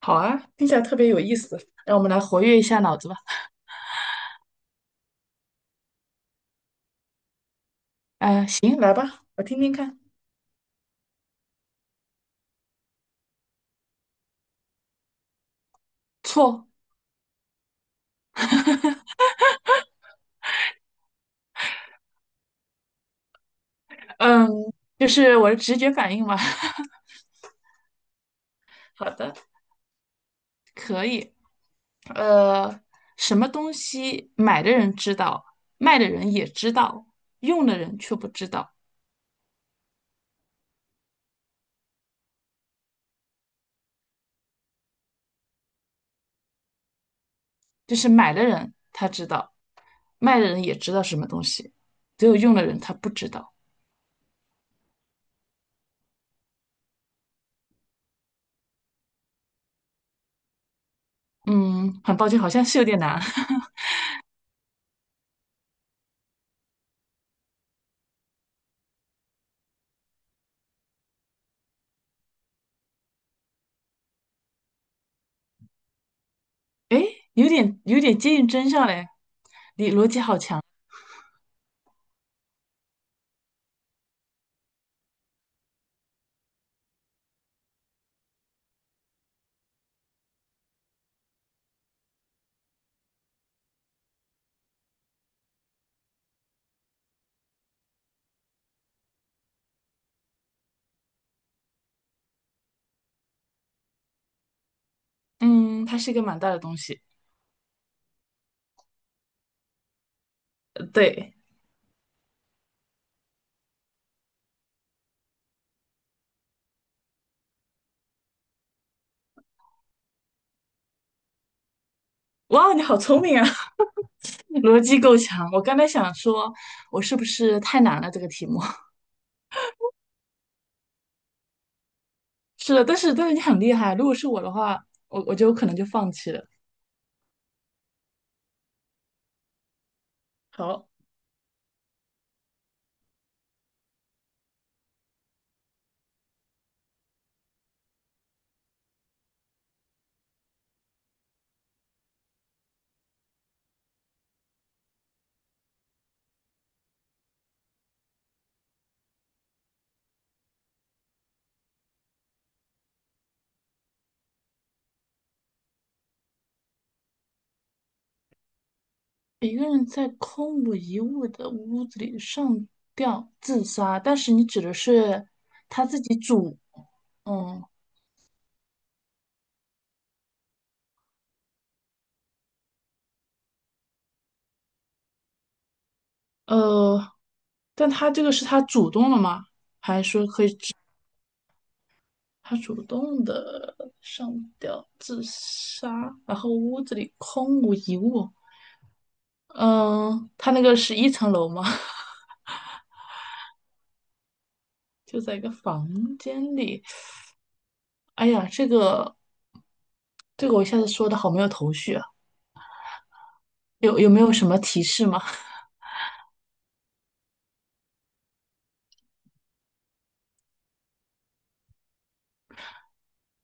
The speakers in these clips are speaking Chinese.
好啊，听起来特别有意思，让我们来活跃一下脑子吧。行，来吧，我听听看。错，嗯，就是我的直觉反应嘛。好的，可以。呃，什么东西买的人知道，卖的人也知道，用的人却不知道。就是买的人他知道，卖的人也知道什么东西，只有用的人他不知道。嗯，很抱歉，好像是有点难。诶，有点接近真相嘞，你逻辑好。嗯，它是一个蛮大的东西。对，哇，你好聪明啊，逻辑够强。我刚才想说，我是不是太难了这个题目？是的，但是你很厉害啊。如果是我的话，我就可能就放弃了。好，一个人在空无一物的屋子里上吊自杀，但是你指的是他自己主，嗯呃，但他这个是他主动了吗？还是说可以？他主动的上吊自杀，然后屋子里空无一物。嗯，他那个是一层楼吗？就在一个房间里。哎呀，这个我一下子说的好没有头绪啊，有没有什么提示吗？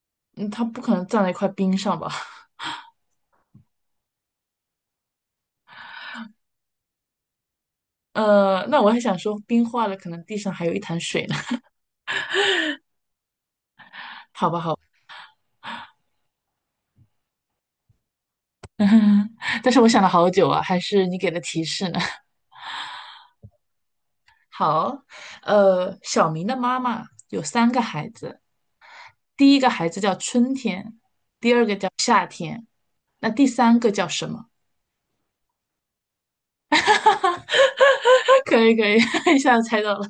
嗯，他不可能站在一块冰上吧？那我还想说冰化了，可能地上还有一潭水呢。好吧，好吧，但是我想了好久啊，还是你给的提示呢。好，小明的妈妈有3个孩子，第一个孩子叫春天，那第三个叫什么？可以可以，一下子猜到了，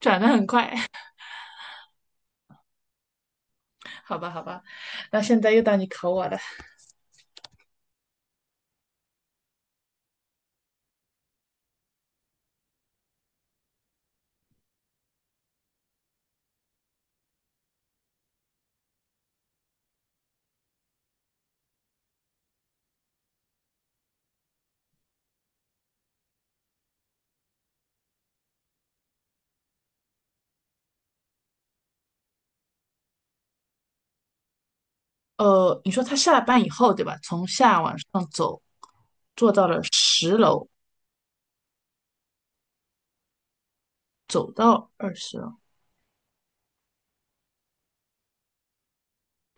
转的很快，好吧好吧，那现在又到你考我了。你说他下了班以后，对吧？从下往上走，坐到了十楼，走到二十楼，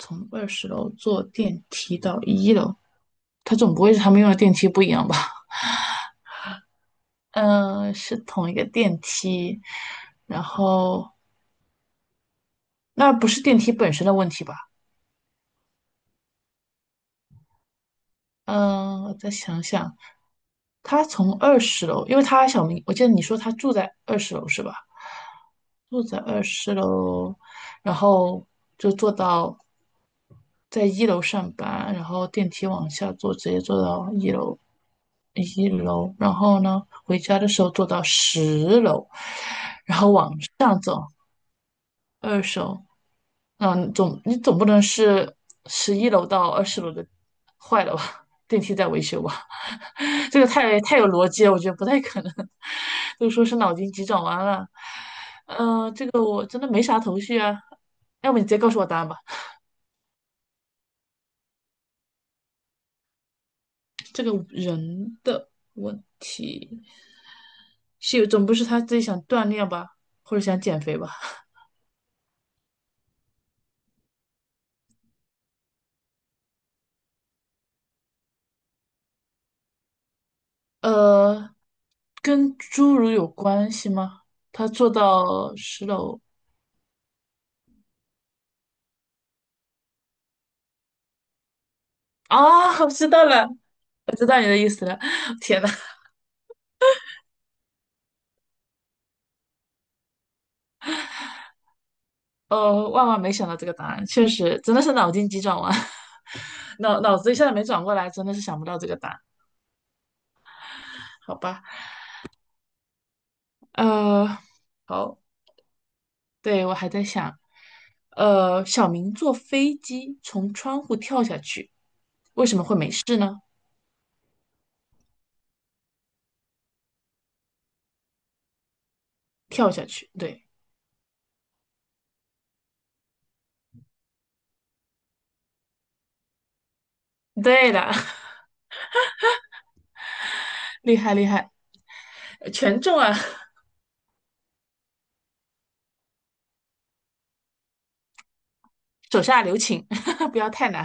从二十楼坐电梯到一楼。他总不会是他们用的电梯不一样吧？嗯、是同一个电梯，然后那不是电梯本身的问题吧？嗯，我再想想，他从二十楼，因为他小明，我记得你说他住在二十楼是吧？住在二十楼，然后就坐到在一楼上班，然后电梯往下坐，直接坐到一楼，一楼，然后呢，回家的时候坐到十楼，然后往上走二楼，嗯，你总不能是11楼到20楼的坏了吧？电梯在维修吧？这个太有逻辑了，我觉得不太可能。都说是脑筋急转弯了，这个我真的没啥头绪啊。要不你直接告诉我答案吧。这个人的问题是有，总不是他自己想锻炼吧，或者想减肥吧？呃，跟侏儒有关系吗？他坐到十楼啊，我知道了，我知道你的意思了。天呐，哦，万万没想到这个答案，确实真的是脑筋急转弯，脑子一下子没转过来，真的是想不到这个答案。好吧，呃，好，对，我还在想，小明坐飞机从窗户跳下去，为什么会没事呢？跳下去，对，对的，厉害厉害，全中啊！手下留情，不要太难。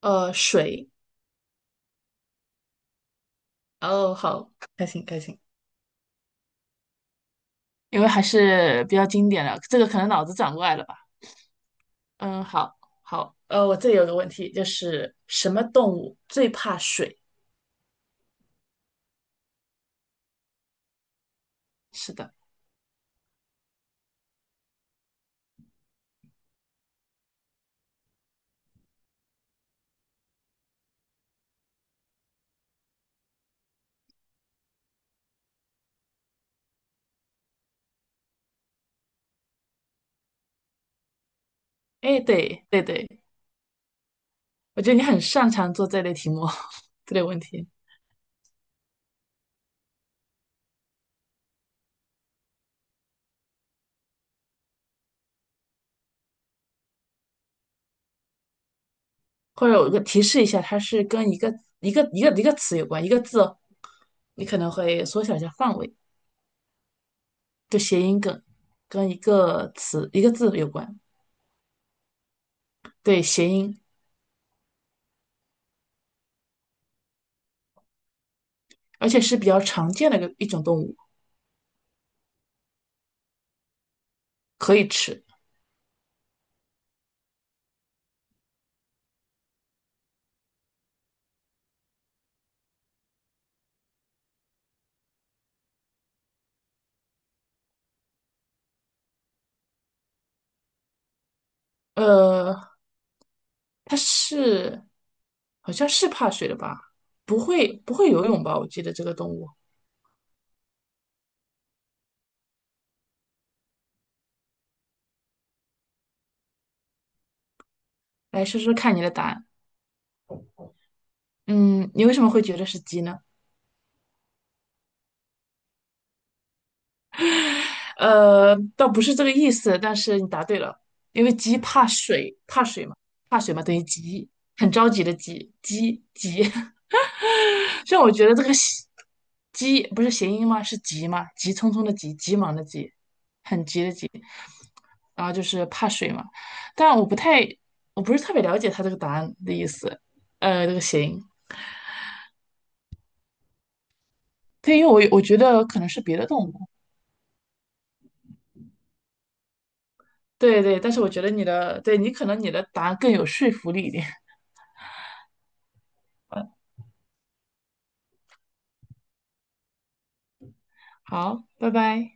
水，哦，好，开心开心。因为还是比较经典的，这个可能脑子转不过来了吧？嗯，好，好，我这里有个问题，就是什么动物最怕水？是的，哎，对，对对，我觉得你很擅长做这类题目，这类问题，或者我个提示一下，它是跟一个词有关，一个字哦，你可能会缩小一下范围，就谐音梗，跟一个词一个字有关，对，谐音，而且是比较常见的一种动物，可以吃，呃，它是好像是怕水的吧？不会游泳吧？我记得这个动物。来说说看你的答案。嗯，你为什么会觉得是鸡呢？倒不是这个意思，但是你答对了，因为鸡怕水，怕水嘛，怕水嘛等于急，很着急的急，急急。虽然我觉得这个喜急不是谐音吗？是急吗？急匆匆的急，急忙的急，很急的急。然后就是怕水嘛，但我不太，我不是特别了解它这个答案的意思，这个谐音。对，因为我觉得可能是别的动物。对对，但是我觉得你的，对你可能你的答案更有说服力一点。好，拜拜。